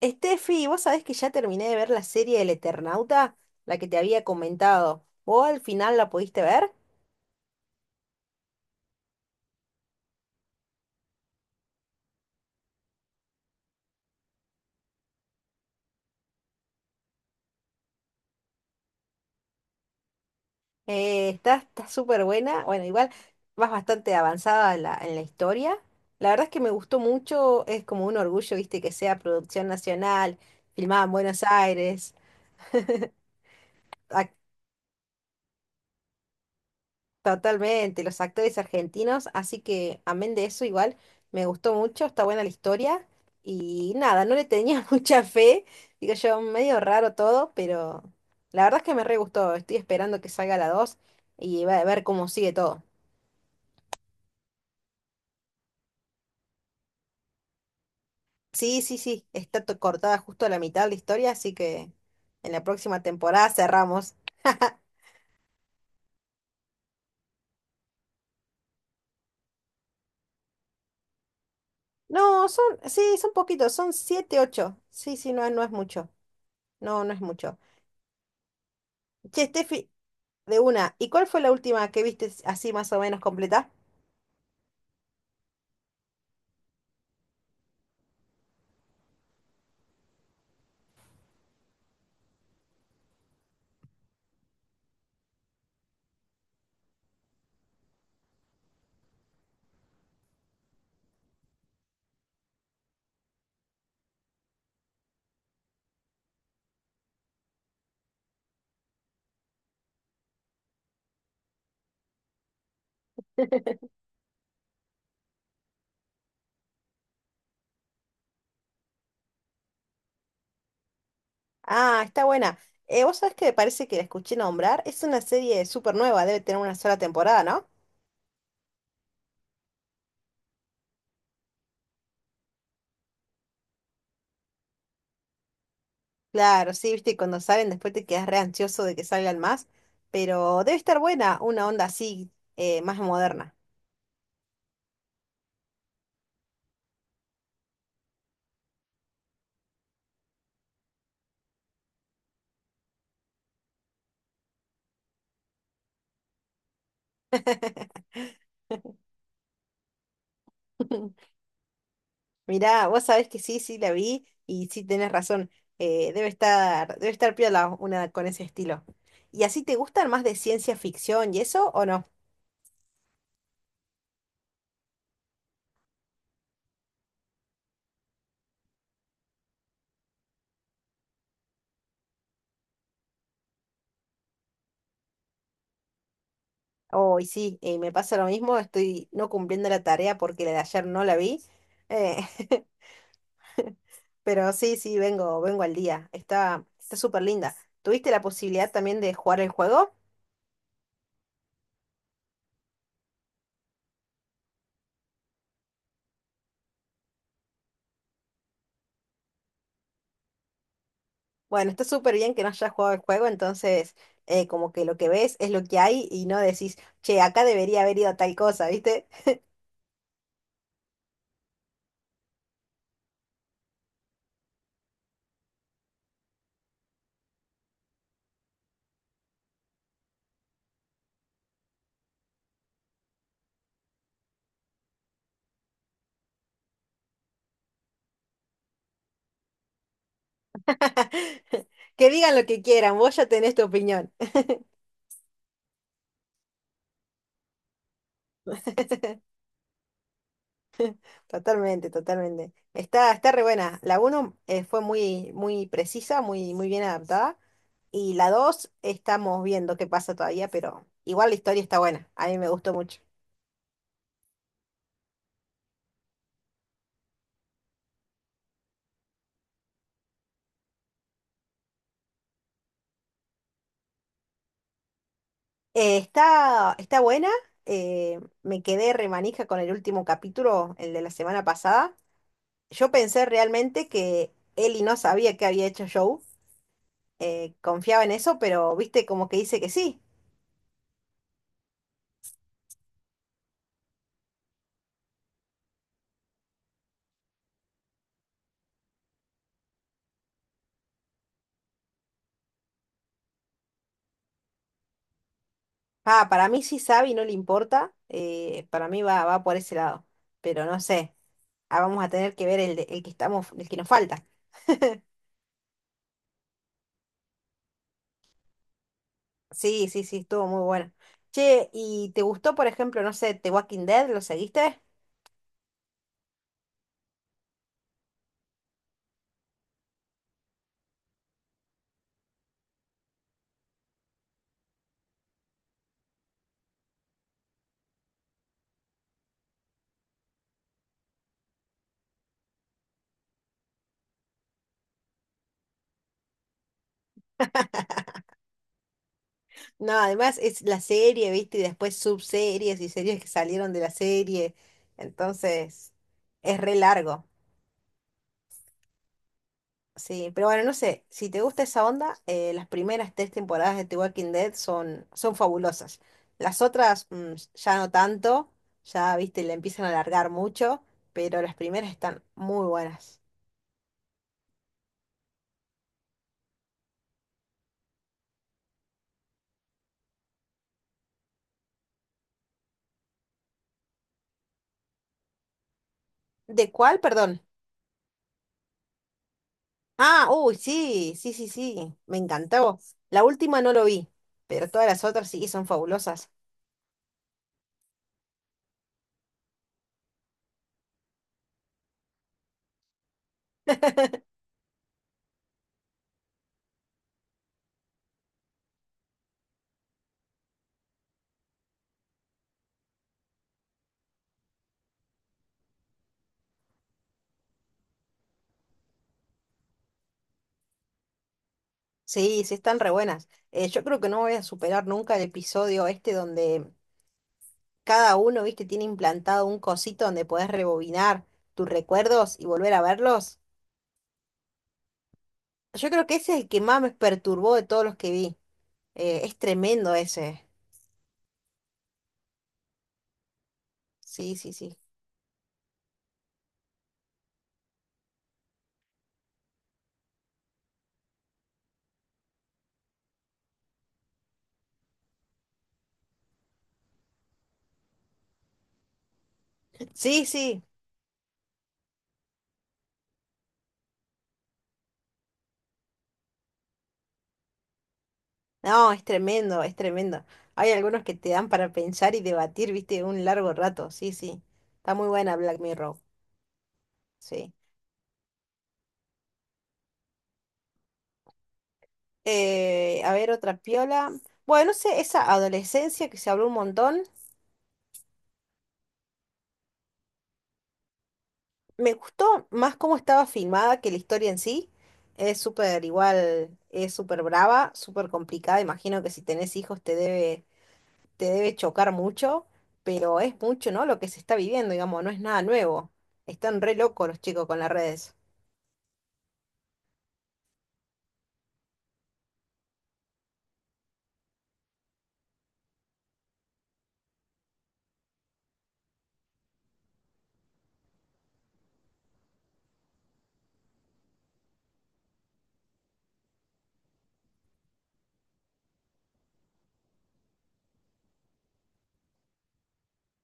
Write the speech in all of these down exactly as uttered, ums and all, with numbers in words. Estefi, vos sabés que ya terminé de ver la serie del Eternauta, la que te había comentado. ¿Vos al final la pudiste ver? Eh, está, está súper buena. Bueno, igual vas bastante avanzada en la, en la historia. La verdad es que me gustó mucho, es como un orgullo, viste, que sea producción nacional, filmada en Buenos Aires. Totalmente, los actores argentinos, así que amén de eso igual, me gustó mucho, está buena la historia y nada, no le tenía mucha fe, digo yo, medio raro todo, pero la verdad es que me re gustó, estoy esperando que salga la dos y va a ver cómo sigue todo. Sí, sí, sí, está to- cortada justo a la mitad de la historia, así que en la próxima temporada cerramos. No, son, sí, son poquitos, son siete, ocho. Sí, sí, no, no es mucho. No, no es mucho. Che, Steffi, de una. ¿Y cuál fue la última que viste así más o menos completa? Ah, está buena. Eh, vos sabés que me parece que la escuché nombrar. Es una serie súper nueva, debe tener una sola temporada, ¿no? Claro, sí, viste, y cuando salen después te quedas re ansioso de que salgan más, pero debe estar buena una onda así, eh, más moderna. Mirá, vos sabés que sí, sí la vi y sí tenés razón. eh, debe estar, debe estar piola una con ese estilo. ¿Y así te gustan más de ciencia ficción y eso o no? Oh, y sí, y me pasa lo mismo, estoy no cumpliendo la tarea porque la de ayer no la vi, eh, pero sí, sí, vengo, vengo al día, está, está súper linda. ¿Tuviste la posibilidad también de jugar el juego? Bueno, está súper bien que no hayas jugado el juego, entonces eh, como que lo que ves es lo que hay y no decís, che, acá debería haber ido tal cosa, ¿viste? Que digan lo que quieran, vos ya tenés tu opinión. Totalmente, totalmente. Está, está re buena. La uno fue muy, muy precisa, muy, muy bien adaptada. Y la dos estamos viendo qué pasa todavía, pero igual la historia está buena. A mí me gustó mucho. Eh, está, está buena. eh, me quedé remanija con el último capítulo, el de la semana pasada. Yo pensé realmente que Ellie no sabía que había hecho Joe. eh, confiaba en eso, pero viste como que dice que sí. Ah, para mí sí sabe y no le importa. eh, para mí va, va por ese lado. Pero no sé. Ah, vamos a tener que ver el, de- el que estamos, el que nos falta. Sí, sí, sí, estuvo muy bueno. Che, ¿y te gustó, por ejemplo, no sé, The Walking Dead? ¿Lo seguiste? No, además es la serie, ¿viste? Y después subseries y series que salieron de la serie. Entonces, es re largo. Sí, pero bueno, no sé, si te gusta esa onda, eh, las primeras tres temporadas de The Walking Dead son, son fabulosas. Las otras mm, ya no tanto, ya, viste, le empiezan a alargar mucho, pero las primeras están muy buenas. ¿De cuál? Perdón. Ah, uy, sí, sí, sí, sí, me encantó. La última no lo vi, pero todas las otras sí son fabulosas. Sí, sí están re buenas. Eh, yo creo que no voy a superar nunca el episodio este donde cada uno, viste, tiene implantado un cosito donde podés rebobinar tus recuerdos y volver a verlos. Yo creo que ese es el que más me perturbó de todos los que vi. Eh, es tremendo ese. Sí, sí, sí. Sí, sí. No, es tremendo, es tremendo. Hay algunos que te dan para pensar y debatir, viste, un largo rato. Sí, sí. Está muy buena Black Mirror. Sí. Eh, a ver, otra piola. Bueno, no sé, esa adolescencia que se habló un montón. Me gustó más cómo estaba filmada que la historia en sí. Es súper igual, es súper brava, súper complicada. Imagino que si tenés hijos te debe, te debe chocar mucho, pero es mucho, ¿no? Lo que se está viviendo, digamos, no es nada nuevo. Están re locos los chicos con las redes.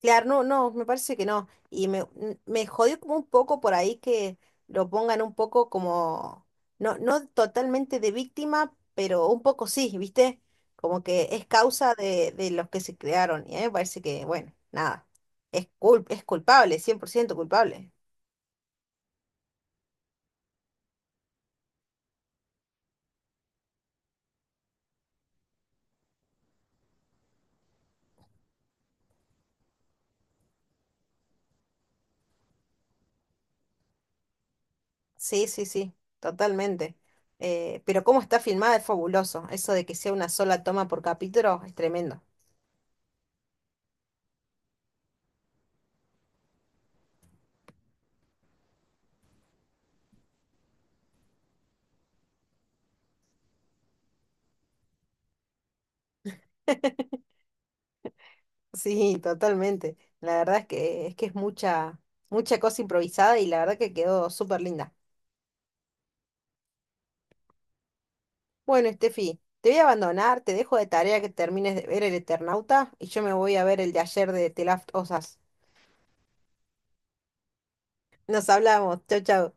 Claro, no, no, me parece que no. Y me, n- me jodió como un poco por ahí que lo pongan un poco como, no, no totalmente de víctima, pero un poco sí, ¿viste? Como que es causa de, de los que se crearon. Y a mí me parece que, bueno, nada, es cul- es culpable, cien por ciento culpable. Sí, sí, sí, totalmente. Eh, pero cómo está filmada es fabuloso. Eso de que sea una sola toma por capítulo es tremendo. Sí, totalmente. La verdad es que es que es mucha, mucha cosa improvisada y la verdad que quedó súper linda. Bueno, Estefi, te voy a abandonar, te dejo de tarea que termines de ver el Eternauta y yo me voy a ver el de ayer de The Last of Us. Nos hablamos, chau, chau.